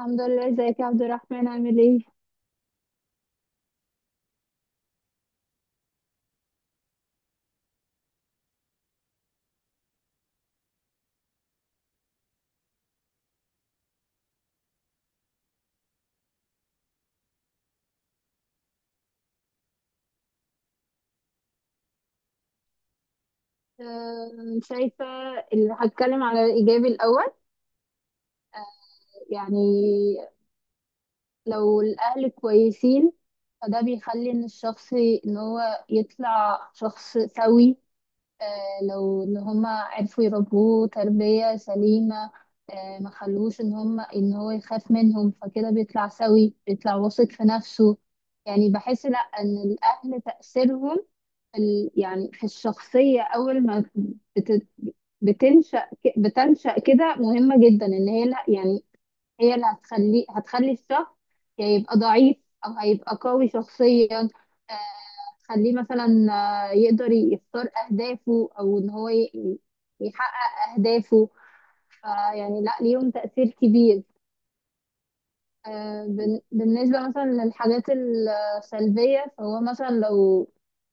الحمد لله. ازيك يا عبد الرحمن، عامل ايه؟ شايفة، هتكلم على الإيجابي الأول. يعني لو الأهل كويسين، فده بيخلي إن هو يطلع شخص سوي. لو إن هما عرفوا يربوه تربية سليمة. ما خلوش إن هو يخاف منهم، فكده بيطلع سوي، بيطلع واثق في نفسه. يعني بحس لأ، إن الأهل تأثيرهم يعني في الشخصية أول ما بت- بتنشأ، بتنشأ كده مهمة جدا، إن هي لا يعني هي اللي هتخلي الشخص يا يبقى ضعيف أو هيبقى قوي شخصيا. آه، هتخليه مثلا يقدر يختار أهدافه أو إن هو يحقق أهدافه. فيعني لا، ليهم تأثير كبير. بالنسبة مثلا للحاجات السلبية، فهو مثلا لو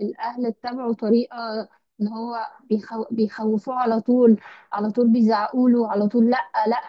الأهل اتبعوا طريقة إن هو بيخوفوه على طول، على طول بيزعقوله على طول، لأ، لأ،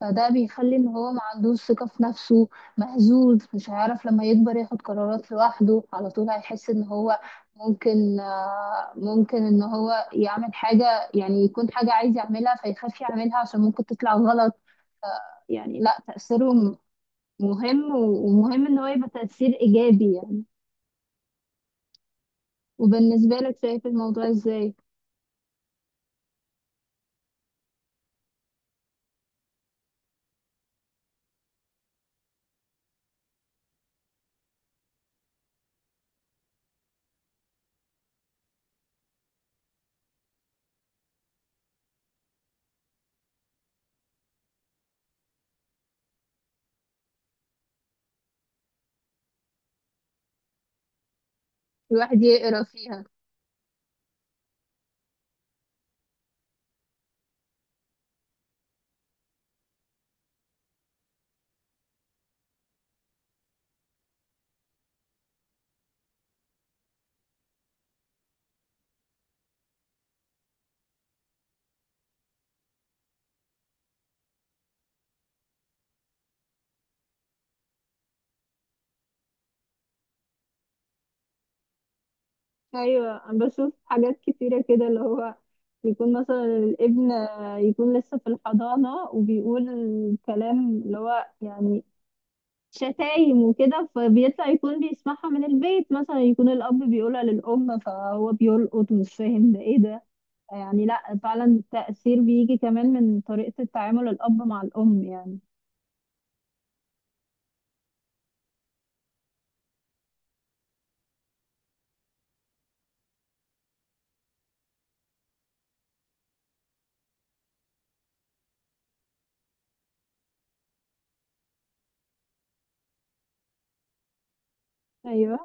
فده بيخلي إن هو ما عندوش ثقة في نفسه. مهزوز، مش هيعرف لما يكبر ياخد قرارات لوحده، على طول هيحس إن هو ممكن إن هو يعمل حاجة، يعني يكون حاجة عايز يعملها فيخاف يعملها عشان ممكن تطلع غلط. يعني لا، تأثيره مهم ومهم ان هو يبقى تأثير ايجابي يعني. وبالنسبة لك، شايف الموضوع ازاي؟ الواحد يقرا فيها. ايوه، انا بشوف حاجات كتيره كده، اللي هو يكون مثلا الابن يكون لسه في الحضانه وبيقول كلام اللي هو يعني شتايم وكده، فبيطلع يكون بيسمعها من البيت، مثلا يكون الاب بيقولها للام فهو بيلقط ومش فاهم ده ايه ده. يعني لا، فعلا التأثير بيجي كمان من طريقه التعامل الاب مع الام يعني. ايوه،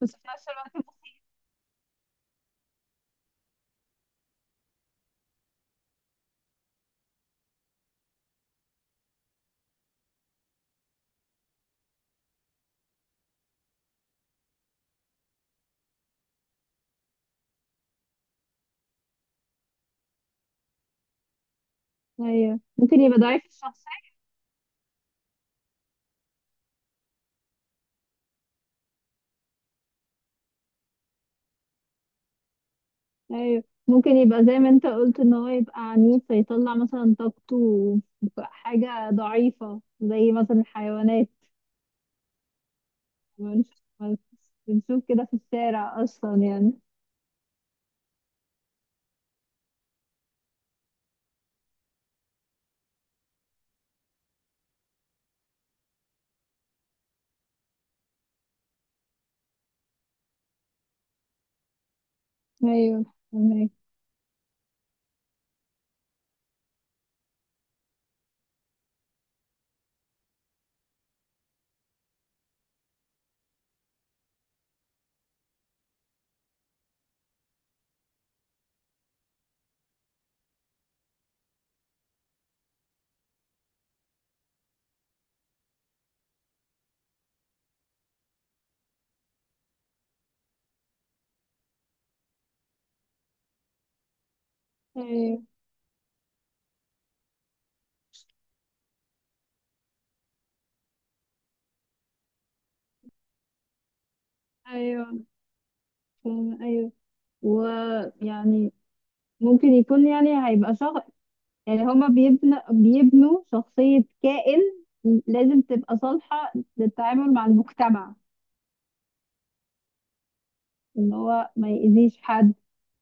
بس في نفس الوقت. ايوه، ممكن يبقى ضعيف الشخصية. ايوه، ممكن يبقى زي ما انت قلت ان هو يبقى عنيف، فيطلع مثلا طاقته في حاجة ضعيفة زي مثلا الحيوانات. بنش- بنشوف كده في الشارع اصلا يعني. ايوه، فهمك. ايوه، ايوه، فاهمة. ايوه. ويعني ممكن يكون يعني هيبقى شخص، يعني هما بيبنوا شخصية كائن لازم تبقى صالحة للتعامل مع المجتمع، ان هو ما يأذيش حد.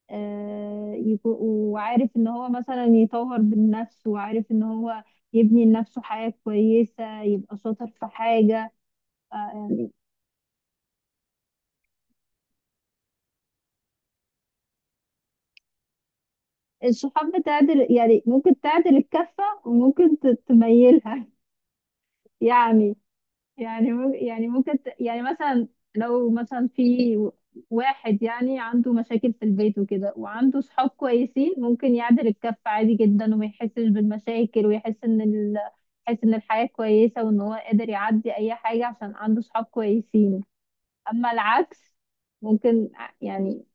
وعارف ان هو مثلا يطور من نفسه، وعارف ان هو يبني لنفسه حياة كويسة، يبقى شاطر في حاجة. آه، يعني الصحاب بتعدل، يعني ممكن تعدل الكفة، وممكن تميلها. يعني. يعني يعني ممكن يعني مثلا، لو مثلا في واحد يعني عنده مشاكل في البيت وكده، وعنده صحاب كويسين، ممكن يعدل الكف عادي جدا وما يحسش بالمشاكل، ويحس يحس ان الحياة كويسة وان هو قادر يعدي اي حاجة عشان عنده صحاب كويسين. اما العكس ممكن يعني،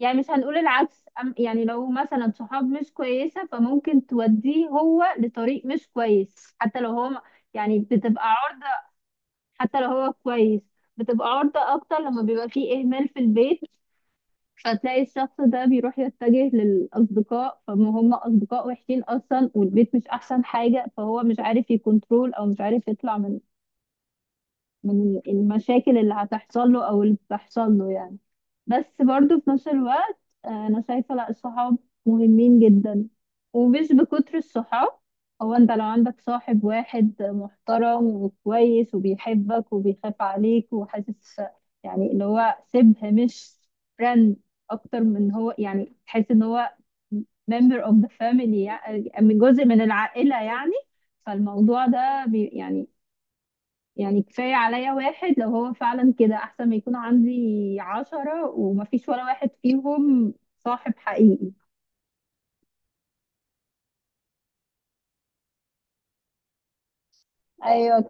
يعني مش هنقول العكس، يعني لو مثلا صحاب مش كويسة، فممكن توديه هو لطريق مش كويس، حتى لو هو يعني بتبقى عرضة. حتى لو هو كويس، بتبقى عرضة أكتر لما بيبقى فيه إهمال في البيت. فتلاقي الشخص ده بيروح يتجه للأصدقاء، فما هم أصدقاء وحشين أصلا، والبيت مش أحسن حاجة، فهو مش عارف يكنترول أو مش عارف يطلع من المشاكل اللي هتحصل له او اللي بتحصل له يعني. بس برضو في نفس الوقت، انا شايفه لا، الصحاب مهمين جدا، ومش بكتر الصحاب. هو انت لو عندك صاحب واحد محترم وكويس وبيحبك وبيخاف عليك وحاسس، يعني اللي هو شبه، مش فريند اكتر من هو، يعني تحس ان هو member of the family، يعني من جزء من العائله يعني. فالموضوع ده يعني، يعني كفاية عليا واحد لو هو فعلا كده، أحسن ما يكون عندي 10 ومفيش ولا واحد فيهم صاحب حقيقي. أيوة،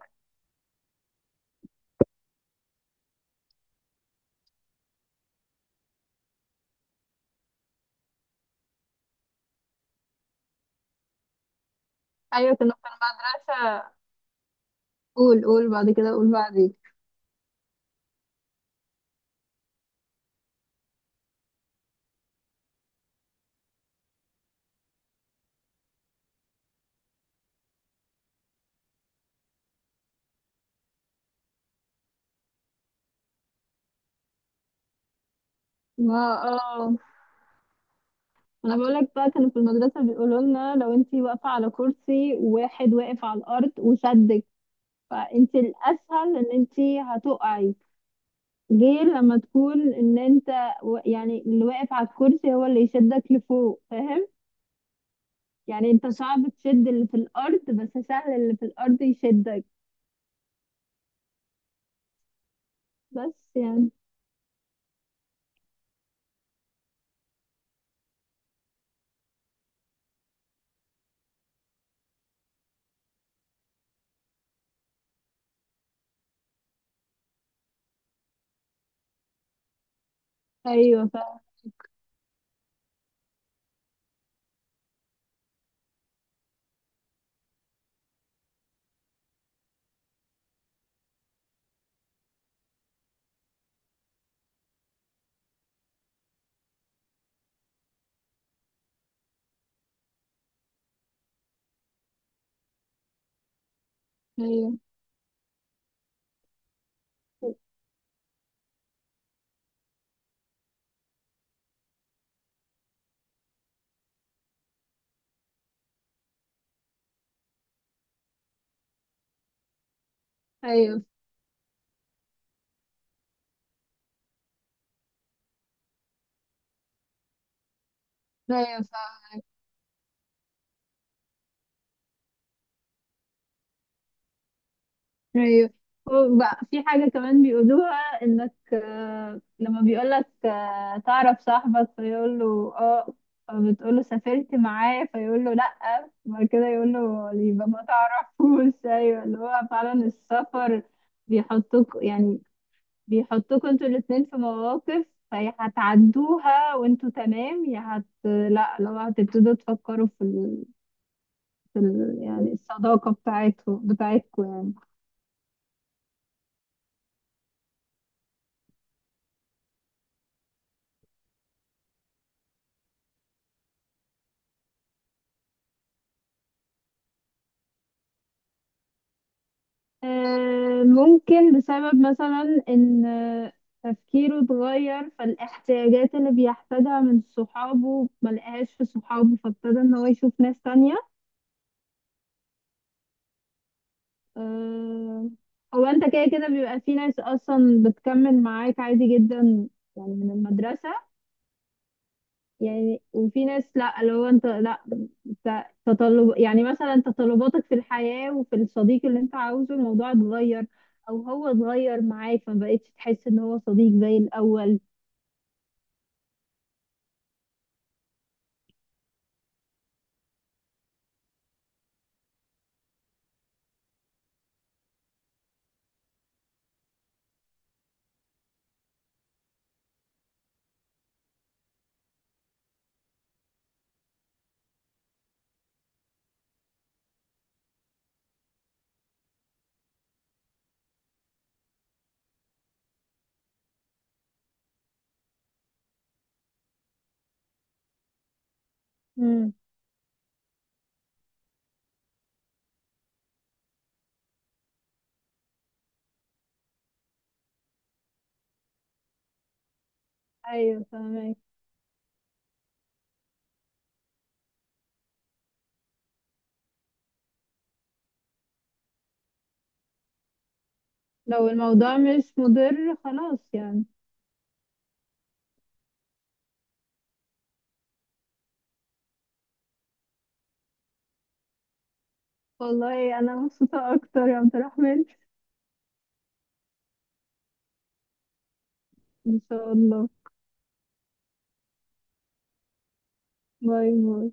أيوة. كنا في المدرسة. قول، قول بعد كده، قول بعدين. ما اه. أنا بقولك بقى، كانوا في المدرسة بيقولوا لنا لو انتي واقفة على كرسي وواحد واقف على الأرض وشدك، فانتي الأسهل إن انتي هتقعي، غير لما تكون إن انت يعني اللي واقف على الكرسي هو اللي يشدك لفوق، فاهم؟ يعني انت صعب تشد اللي في الارض، بس سهل اللي في الارض يشدك. بس يعني. ايوه. ايوه، ايوه، ايوه. ايوه. وبقى في حاجة كمان بيقولوها انك، لما بيقولك تعرف صاحبك فيقول له اه، فبتقول له سافرت معاه، فيقول له لا، وبعد كده يقول له يبقى ما تعرفوش. ايوه، اللي هو فعلا السفر يعني بيحطوكوا انتوا الاتنين في مواقف، فيا هتعدوها وانتوا تمام، يا هت لا لو هتبتدوا تفكروا يعني الصداقة بتاعتكم بتاعتكم يعني. ممكن بسبب مثلا ان تفكيره اتغير، فالاحتياجات اللي بيحتاجها من صحابه ملقاهاش في صحابه، فابتدى ان هو يشوف ناس تانية. آه، هو انت كده كده بيبقى في ناس اصلا بتكمل معاك عادي جدا، يعني من المدرسة يعني. وفي ناس لا، اللي هو انت لا، انت تطلب يعني مثلا تطلباتك في الحياة وفي الصديق اللي انت عاوزه الموضوع اتغير، او هو اتغير معاك، فما بقتش تحس ان هو صديق زي الاول. امم. ايوه، فاهمك. لو الموضوع مش مضر خلاص يعني. والله انا مبسوطة اكتر يا عبد الرحمن. ان شاء الله. باي باي.